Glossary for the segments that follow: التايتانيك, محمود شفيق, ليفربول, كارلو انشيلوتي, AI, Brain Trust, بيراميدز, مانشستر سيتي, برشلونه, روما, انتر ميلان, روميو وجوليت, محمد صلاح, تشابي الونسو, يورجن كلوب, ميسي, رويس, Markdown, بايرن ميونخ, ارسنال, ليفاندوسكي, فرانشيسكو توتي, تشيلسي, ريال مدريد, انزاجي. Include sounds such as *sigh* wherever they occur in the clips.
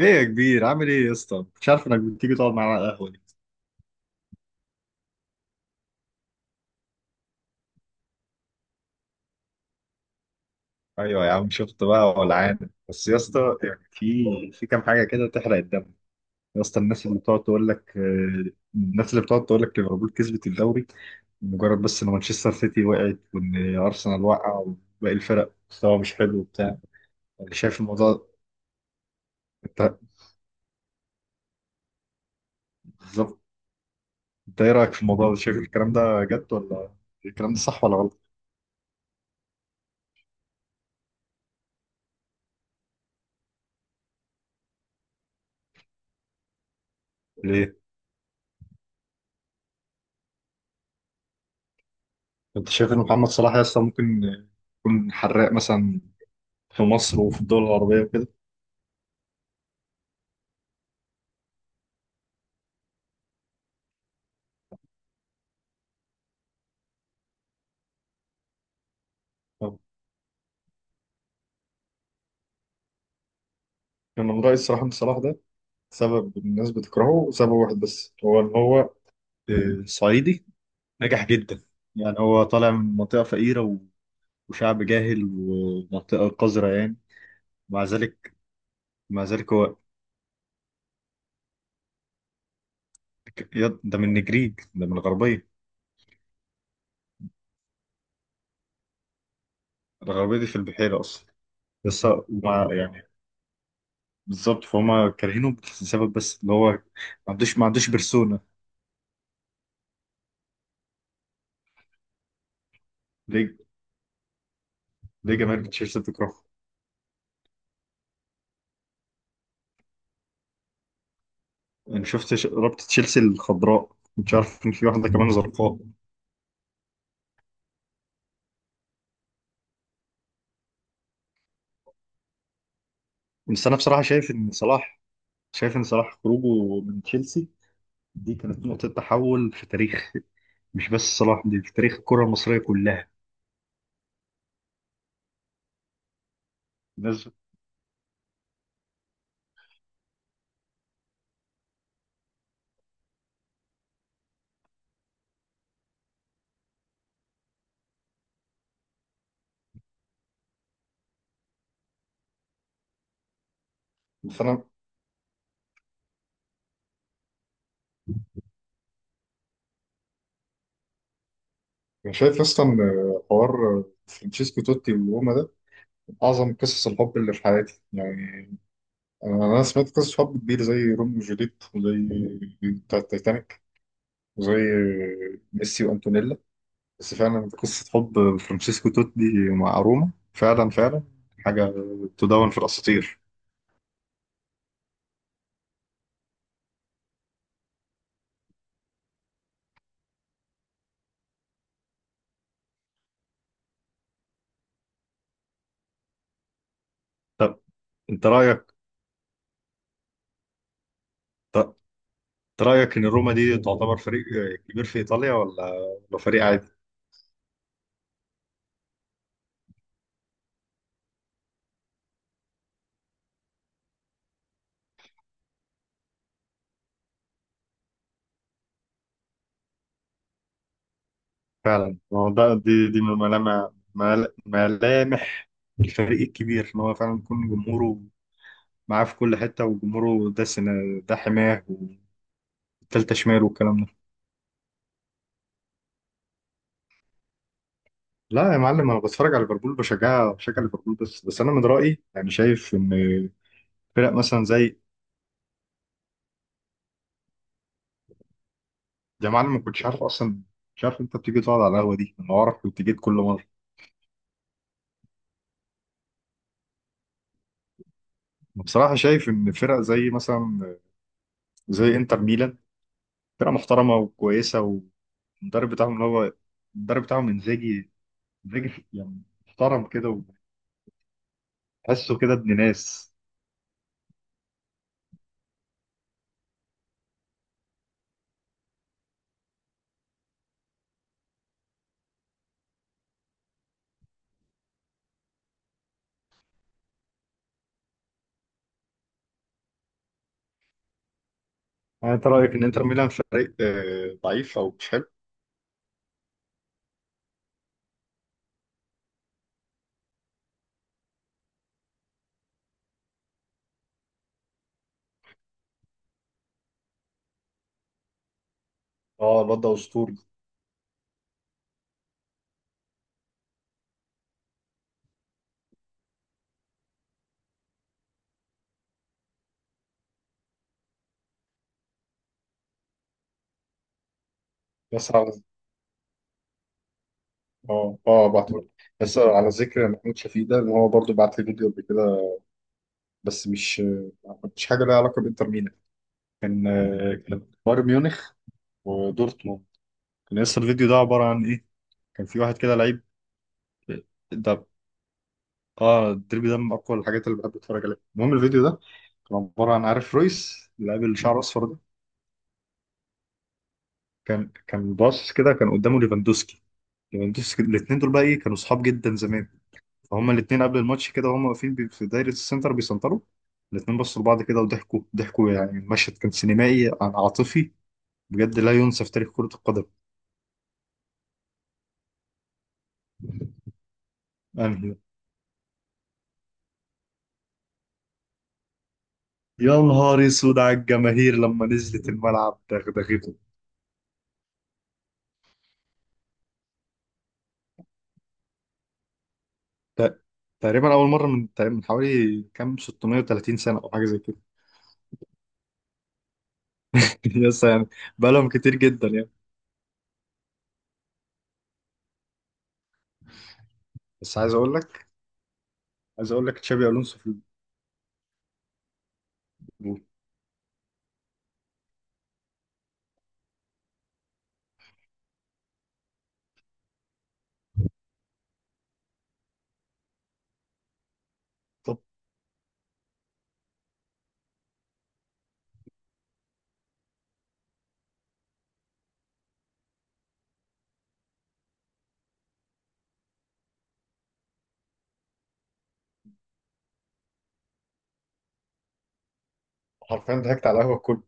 ايه يا كبير، عامل ايه يا اسطى؟ مش عارف انك بتيجي تقعد معانا على القهوه دي. ايوه يا عم شفت بقى، ولعان. بس يا اسطى يعني في كام حاجه كده تحرق الدم. يا اسطى الناس اللي بتقعد تقول لك، الناس اللي بتقعد تقول لك ليفربول كسبت الدوري مجرد بس ان مانشستر سيتي وقعت وان ارسنال وقع وباقي الفرق مستوى مش حلو وبتاع. يعني شايف الموضوع؟ انت بالظبط. انت ايه رايك في الموضوع ده؟ شايف الكلام ده جد ولا الكلام ده صح ولا غلط؟ ليه؟ انت شايف ان محمد صلاح يا اسطى ممكن يكون حراق مثلا في مصر وفي الدول العربية وكده؟ أه. أنا من رأيي الصراحة إن صلاح ده سبب الناس بتكرهه سبب واحد بس، هو إن هو صعيدي نجح جدا. يعني هو طالع من منطقة فقيرة وشعب جاهل ومنطقة قذرة يعني. مع ذلك، مع ذلك هو ده من النجريج، ده من الغربية. الغربية دي في البحيرة أصلا. بس مع يعني، بالظبط، فهم كارهينه بسبب بس اللي هو ما عندوش بيرسونا. ليه؟ ليه جماهير تشيلسي بتكرهه؟ انا شفت رابطه تشيلسي الخضراء، مش عارف ان في واحده كمان زرقاء. بس انا بصراحه شايف ان صلاح، شايف ان صلاح خروجه من تشيلسي دي كانت نقطه تحول في تاريخ، مش بس صلاح، دي في تاريخ الكره المصريه كلها. الناس، بس أنا شايف اصلا حوار فرانشيسكو توتي وروما ده من اعظم قصص الحب اللي في حياتي يعني. أنا سمعت قصص حب كبير زي روميو وجوليت وزي بتاع التايتانيك وزي ميسي وانتونيلا. بس فعلا قصة حب فرانشيسكو توتي مع روما فعلا، فعلا حاجة تدون في الأساطير. طب أنت رأيك طب أنت رأيك إن روما دي تعتبر فريق كبير في إيطاليا، ولا ولا فريق عادي؟ فعلا، ما هو ده، دي من ملامح، ملامح الفريق الكبير، إن هو فعلا يكون جمهوره معاه في كل حتة، وجمهوره ده سنة، ده حماه، والتالتة شمال والكلام ده. لا يا معلم، أنا بتفرج على ليفربول، بشجعها، بشجع ليفربول، بس أنا من رأيي يعني شايف إن فرق مثلا زي، يا معلم ما كنتش عارف اصلا، مش عارف انت بتيجي تقعد على القهوه دي، انا اعرف كنت جيت كل مره. بصراحه شايف ان فرق زي مثلا زي انتر ميلان فرقه محترمه وكويسه، والمدرب بتاعهم اللي هو، المدرب بتاعهم انزاجي. انزاجي يعني محترم كده، وتحسه كده ابن ناس. يعني انت رايك ان انتر ميلان فريق ضعيف او مش حلو؟ اه الواد ده اسطوري. بس على، اه اه بعتولي، بس على ذكر محمود شفيق ده، ان هو برضه بعت لي فيديو قبل كده، بس مش مش حاجه لها علاقه بانتر ميلان، كان كان بايرن ميونخ ودورتموند. كان لسه الفيديو ده عبارة عن إيه، كان في واحد كده لعيب، ده، اه الديربي ده من اقوى الحاجات اللي بحب اتفرج عليها. المهم الفيديو ده كان عباره عن، عارف رويس اللاعب اللي شعره اصفر ده، كان كان باص كده، كان قدامه ليفاندوسكي. ليفاندوسكي الاثنين دول بقى ايه، كانوا صحاب جدا زمان، فهم الاثنين قبل الماتش كده وهم واقفين في دايره السنتر بيسنتروا، الاثنين بصوا لبعض كده وضحكوا، ضحكوا يعني، المشهد كان سينمائي عن عاطفي، بجد لا ينسى في تاريخ كره القدم. انهي؟ يا نهار اسود على الجماهير لما نزلت الملعب دغدغته. ت- تقريبا اول مره من تقريباً من حوالي كام 630 سنه او حاجه زي كده. *laughs* يس يعني بقالهم كتير جدا يعني. بس عايز اقول لك، عايز اقول لك تشابي الونسو في الجول. طب حرفيا ضحكت على القهوه كل،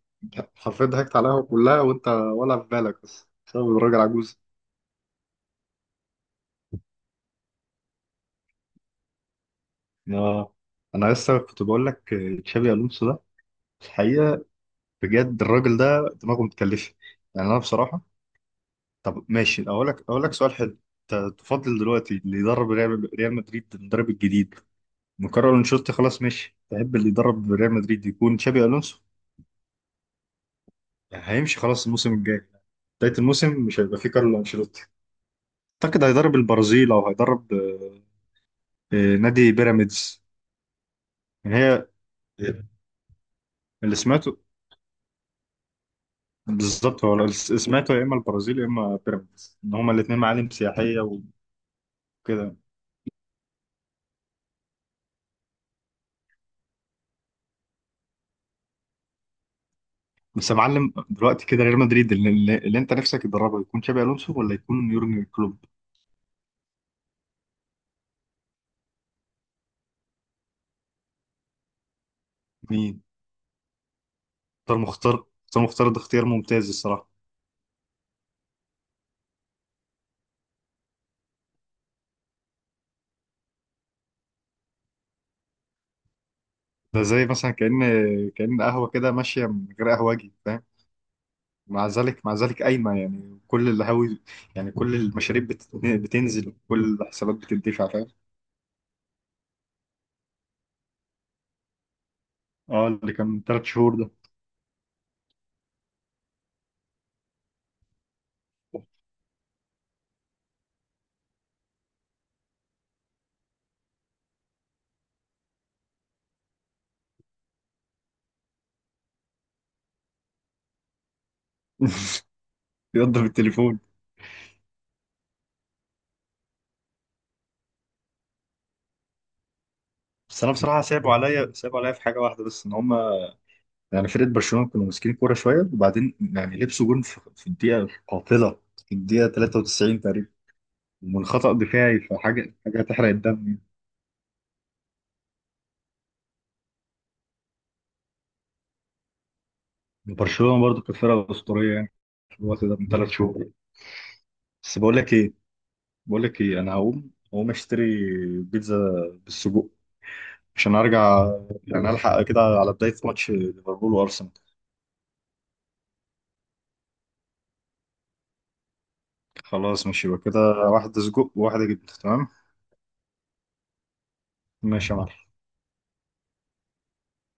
حرفيا ضحكت على القهوه كلها وانت ولا في بالك، بس بسبب الراجل عجوز. اه انا لسه كنت بقول لك تشابي الونسو ده الحقيقه، بجد الراجل ده دماغه متكلفه. يعني انا بصراحه، طب ماشي اقول لك، اقول لك سؤال حلو. تفضل دلوقتي اللي يدرب ريال مدريد، المدرب الجديد مكرر انشيلوتي خلاص ماشي، تحب اللي يدرب ريال مدريد يكون تشابي الونسو؟ يعني هيمشي خلاص الموسم الجاي، بداية الموسم مش هيبقى فيه كارلو انشيلوتي. اعتقد هيدرب البرازيل او هيدرب نادي بيراميدز. يعني هي آه، اللي سمعته، بالظبط هو اللي سمعته يا اما البرازيل يا اما بيراميدز ان هما الاثنين معالم سياحية وكده. بس يا معلم دلوقتي كده ريال مدريد اللي انت نفسك تدربه يكون تشابي الونسو ولا يكون يورجن كلوب؟ مين؟ اختار مختار. اختار مختار ده اختيار ممتاز الصراحه. ده زي مثلا كأن، كأن قهوه كده ماشيه من غير قهوجي فاهم. مع ذلك، مع ذلك قايمه يعني كل القهاوي، يعني كل المشاريب بتنزل وكل الحسابات بتدفع فاهم. اه اللي كان من ثلاث شهور ده. *laughs* بيضرب التليفون. بس انا بصراحه سابوا عليا، سابوا عليا في حاجه واحده بس ان هم، يعني فرقه برشلونه كانوا ماسكين كوره شويه، وبعدين يعني لبسوا جون في الدقيقه القاتله، في الدقيقه 93 تقريبا، ومن خطا دفاعي، فحاجه، حاجه تحرق الدم. يعني برشلونه برضو كانت فرقه اسطوريه يعني في الوقت ده من ثلاث شهور. بس بقول لك ايه، بقول لك ايه، انا هقوم، هقوم اشتري بيتزا بالسجق عشان ارجع، يعني الحق كده على بدايه ماتش ليفربول وارسنال. خلاص ماشي يبقى كده، واحده سجق وواحده جبنه تمام. ماشي يا معلم.